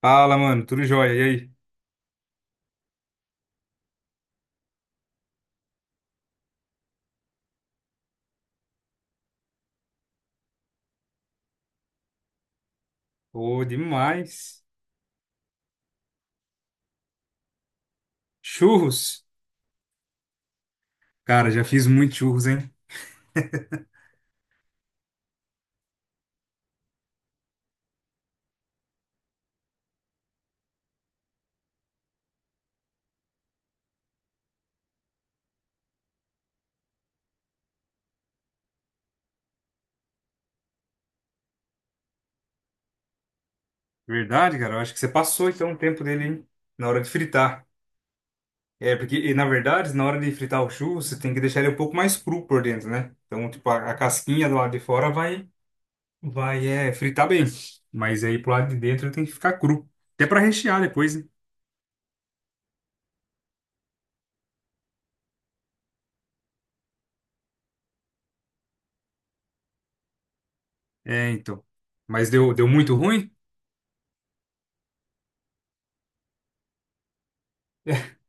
Fala, mano, tudo jóia? E aí? Ô, demais. Churros? Cara, já fiz muito churros, hein? Verdade, cara. Eu acho que você passou então o tempo dele, hein? Na hora de fritar. É, porque, na verdade, na hora de fritar o churro, você tem que deixar ele um pouco mais cru por dentro, né? Então, tipo, a casquinha do lado de fora vai, fritar bem. Mas aí pro lado de dentro ele tem que ficar cru. Até pra rechear depois, né? É, então. Mas deu, deu muito ruim?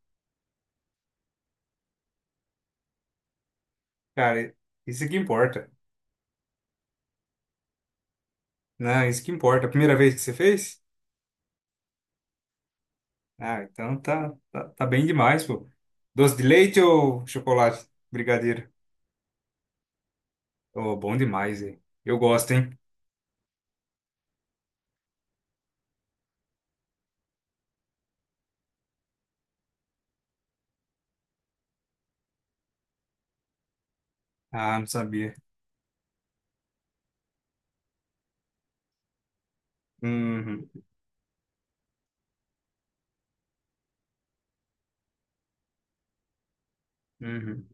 Cara, isso que importa, né? Isso que importa. A primeira vez que você fez? Ah, então tá, tá, tá bem demais, pô. Doce de leite ou chocolate? Brigadeiro. Oh, bom demais, hein? Eu gosto, hein? Ah, não sabia. Uhum, uhum.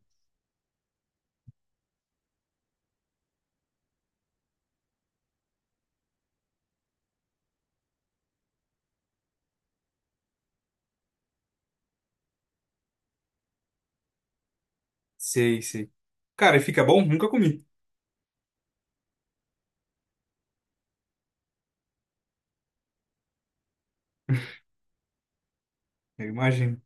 Sei, sei. Cara, e fica bom? Nunca comi. Eu imagino.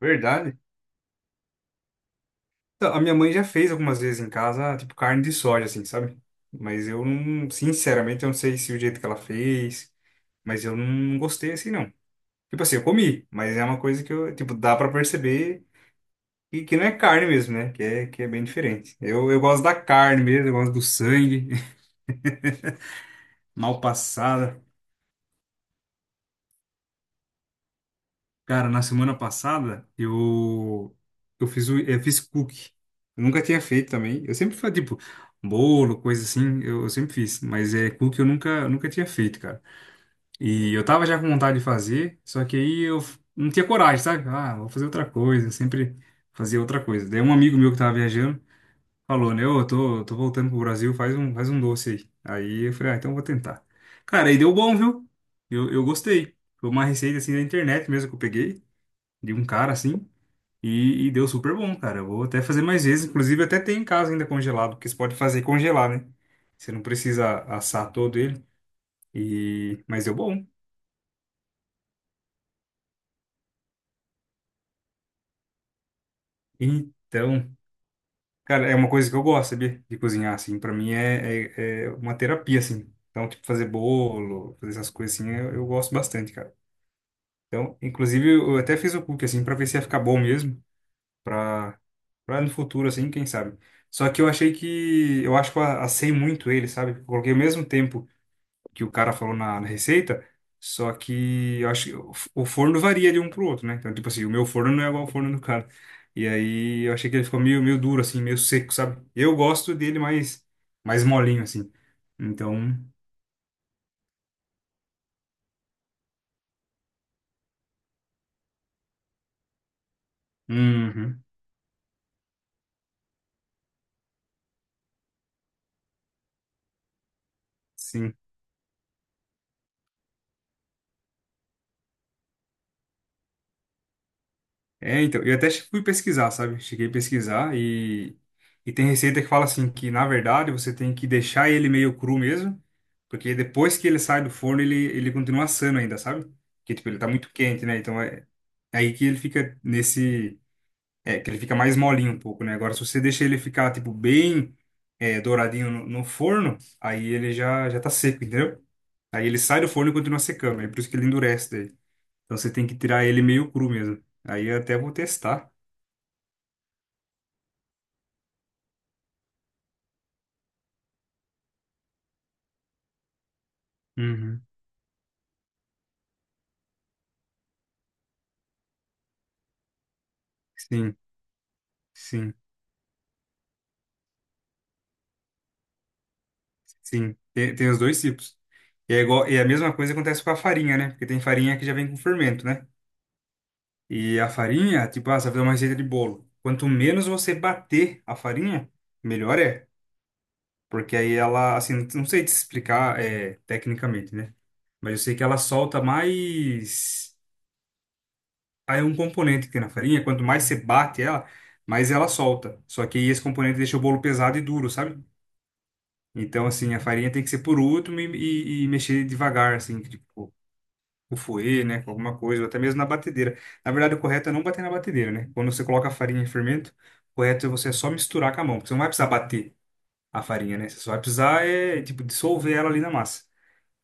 Verdade. Então, a minha mãe já fez algumas vezes em casa, ah, tipo carne de soja, assim, sabe? Mas eu não, sinceramente, eu não sei se o jeito que ela fez, mas eu não gostei assim, não. Tipo assim, eu comi, mas é uma coisa que eu, tipo, dá pra perceber. E que não é carne mesmo, né? Que é bem diferente. Eu gosto da carne mesmo, eu gosto do sangue, mal passada. Cara, na semana passada, eu fiz, eu fiz cookie. Eu nunca tinha feito também. Eu sempre fazia, tipo, bolo, coisa assim, eu sempre fiz. Mas é cookie eu nunca tinha feito, cara. E eu tava já com vontade de fazer, só que aí eu não tinha coragem, sabe? Ah, vou fazer outra coisa, sempre fazia outra coisa. Daí um amigo meu que tava viajando, falou, né? Ô, eu tô, tô voltando pro Brasil, faz um doce aí. Aí eu falei, ah, então eu vou tentar. Cara, aí deu bom, viu? Eu gostei. Foi uma receita assim da internet mesmo que eu peguei, de um cara assim, e deu super bom, cara. Eu vou até fazer mais vezes. Inclusive, até tem em casa ainda congelado, porque você pode fazer e congelar, né? Você não precisa assar todo ele. E... mas deu bom. Então, cara, é uma coisa que eu gosto, sabia? De cozinhar, assim. Pra mim é, é, é uma terapia, assim. Então, tipo, fazer bolo, fazer essas coisas assim, eu gosto bastante, cara. Então, inclusive, eu até fiz o cookie, assim, pra ver se ia ficar bom mesmo, pra, pra no futuro, assim, quem sabe. Só que eu achei que, eu acho que eu assei muito ele, sabe? Eu coloquei o mesmo tempo que o cara falou na, na receita, só que eu acho que o o forno varia de um pro outro, né? Então, tipo assim, o meu forno não é igual ao forno do cara. E aí, eu achei que ele ficou meio, meio duro, assim, meio seco, sabe? Eu gosto dele mais, mais molinho, assim. Então, uhum, sim. É, então, eu até fui pesquisar, sabe? Cheguei a pesquisar e tem receita que fala assim, que na verdade você tem que deixar ele meio cru mesmo, porque depois que ele sai do forno, ele continua assando ainda, sabe? Porque, tipo, ele tá muito quente, né? Então é, é aí que ele fica nesse... É, que ele fica mais molinho um pouco, né? Agora, se você deixa ele ficar, tipo, bem douradinho no, no forno, aí ele já, já tá seco, entendeu? Aí ele sai do forno e continua secando, é por isso que ele endurece daí. Então você tem que tirar ele meio cru mesmo. Aí eu até vou testar. Uhum. Sim, sim, sim. Tem, tem os dois tipos. E é a mesma coisa acontece com a farinha, né? Porque tem farinha que já vem com fermento, né? E a farinha, tipo, ah, você vai fazer uma receita de bolo. Quanto menos você bater a farinha, melhor é. Porque aí ela, assim, não sei te explicar tecnicamente, né? Mas eu sei que ela solta mais. Aí é um componente que tem na farinha. Quanto mais você bate ela, mais ela solta. Só que aí esse componente deixa o bolo pesado e duro, sabe? Então, assim, a farinha tem que ser por último e mexer devagar, assim, tipo, o fouet, né, com alguma coisa, ou até mesmo na batedeira. Na verdade, o correto é não bater na batedeira, né? Quando você coloca a farinha em fermento, o correto é você só misturar com a mão, porque você não vai precisar bater a farinha, né? Você só vai precisar, tipo, dissolver ela ali na massa.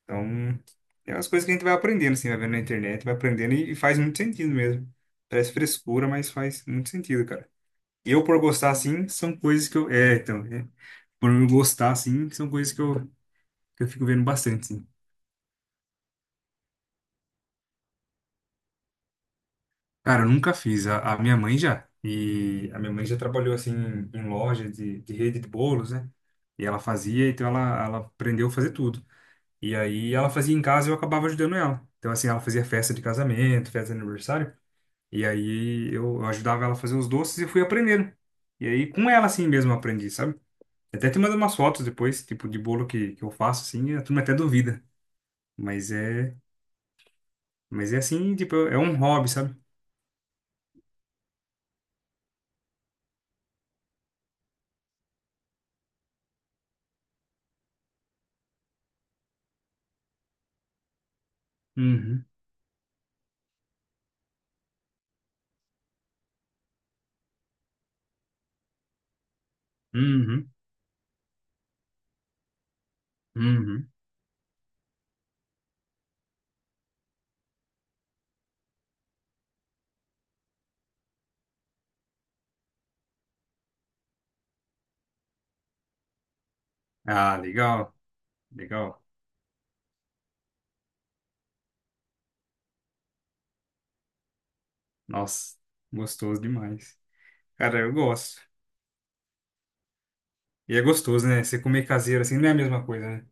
Então, é umas coisas que a gente vai aprendendo, assim, vai vendo na internet, vai aprendendo e faz muito sentido mesmo. Parece frescura, mas faz muito sentido, cara. Eu, por gostar, assim, são coisas que eu... É, então, é, por eu gostar, assim, são coisas que eu fico vendo bastante, sim. Cara, eu nunca fiz. A minha mãe já. E a minha mãe já trabalhou, assim, em, em loja de rede de bolos, né? E ela fazia, então ela aprendeu a fazer tudo. E aí ela fazia em casa e eu acabava ajudando ela. Então, assim, ela fazia festa de casamento, festa de aniversário. E aí eu ajudava ela a fazer os doces e eu fui aprendendo. E aí com ela, assim mesmo, eu aprendi, sabe? Até te mando umas fotos depois, tipo, de bolo que eu faço, assim, e a turma até duvida. Mas é, mas é assim, tipo, é um hobby, sabe? Uhum, uhum. Uhum. Ah, legal, legal. Nossa, gostoso demais. Cara, eu gosto. E é gostoso, né? Você comer caseiro assim não é a mesma coisa, né?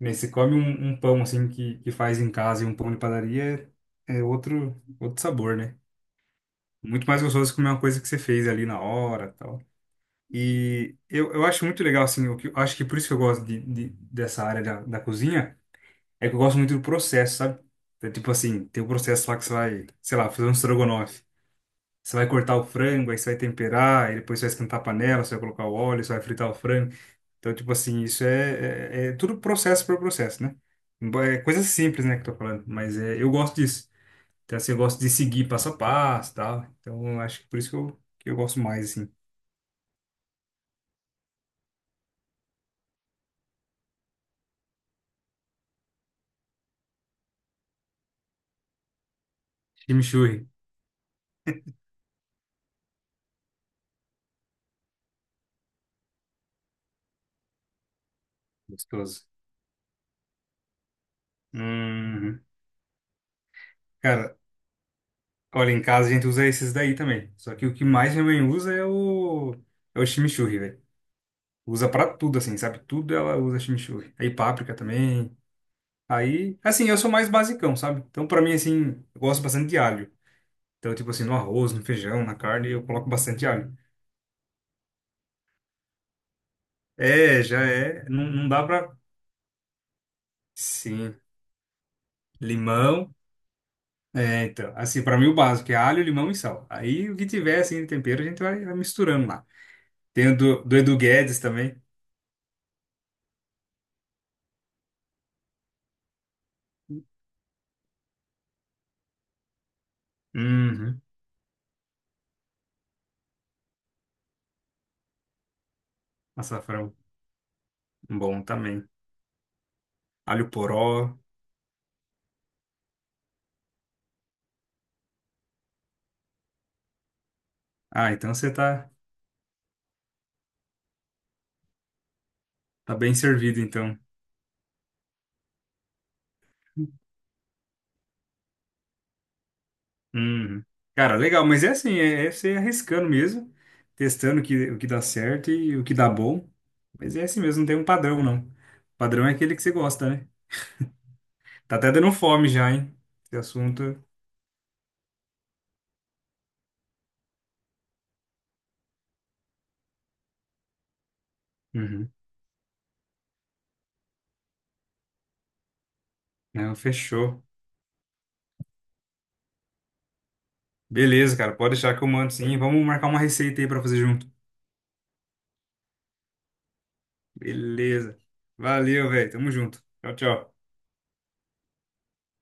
Nem você come um, um pão assim que faz em casa e um pão de padaria é, é outro, outro sabor, né? Muito mais gostoso comer uma coisa que você fez ali na hora tal. E eu acho muito legal, assim, eu acho que por isso que eu gosto de, dessa área da, da cozinha, é que eu gosto muito do processo, sabe? É tipo assim, tem o processo lá que você vai, sei lá, fazer um estrogonofe. Você vai cortar o frango, aí você vai temperar, aí depois você vai esquentar a panela, você vai colocar o óleo, você vai fritar o frango. Então, tipo assim, isso é, é, é tudo processo por processo, né? É coisa simples, né, que eu tô falando, mas é, eu gosto disso. Então, assim, eu gosto de seguir passo a passo e tal. Então, eu acho que por isso que eu gosto mais, assim. Chimichurri, gostoso. Uhum. Cara, olha, em casa a gente usa esses daí também. Só que o que mais minha mãe usa é o, é o chimichurri, velho. Usa pra tudo, assim, sabe? Tudo ela usa chimichurri. Aí páprica também. Aí, assim, eu sou mais basicão, sabe? Então, pra mim, assim, eu gosto bastante de alho. Então, tipo assim, no arroz, no feijão, na carne, eu coloco bastante alho. É, já é. Não, não dá pra. Sim. Limão. É, então. Assim, pra mim, o básico é alho, limão e sal. Aí, o que tiver, assim, de tempero, a gente vai, vai misturando lá. Tem o do, do Edu Guedes também. Uhum. Açafrão. Bom também. Alho poró. Ah, então você tá, tá bem servido, então. Uhum. Cara, legal, mas é assim, é, é você arriscando mesmo, testando o que dá certo e o que dá bom. Mas é assim mesmo, não tem um padrão, não. O padrão é aquele que você gosta, né? Tá até dando fome já, hein? Esse assunto. Uhum. Não, fechou. Beleza, cara, pode deixar que eu mando sim. Vamos marcar uma receita aí pra fazer junto. Beleza. Valeu, velho. Tamo junto. Tchau, tchau.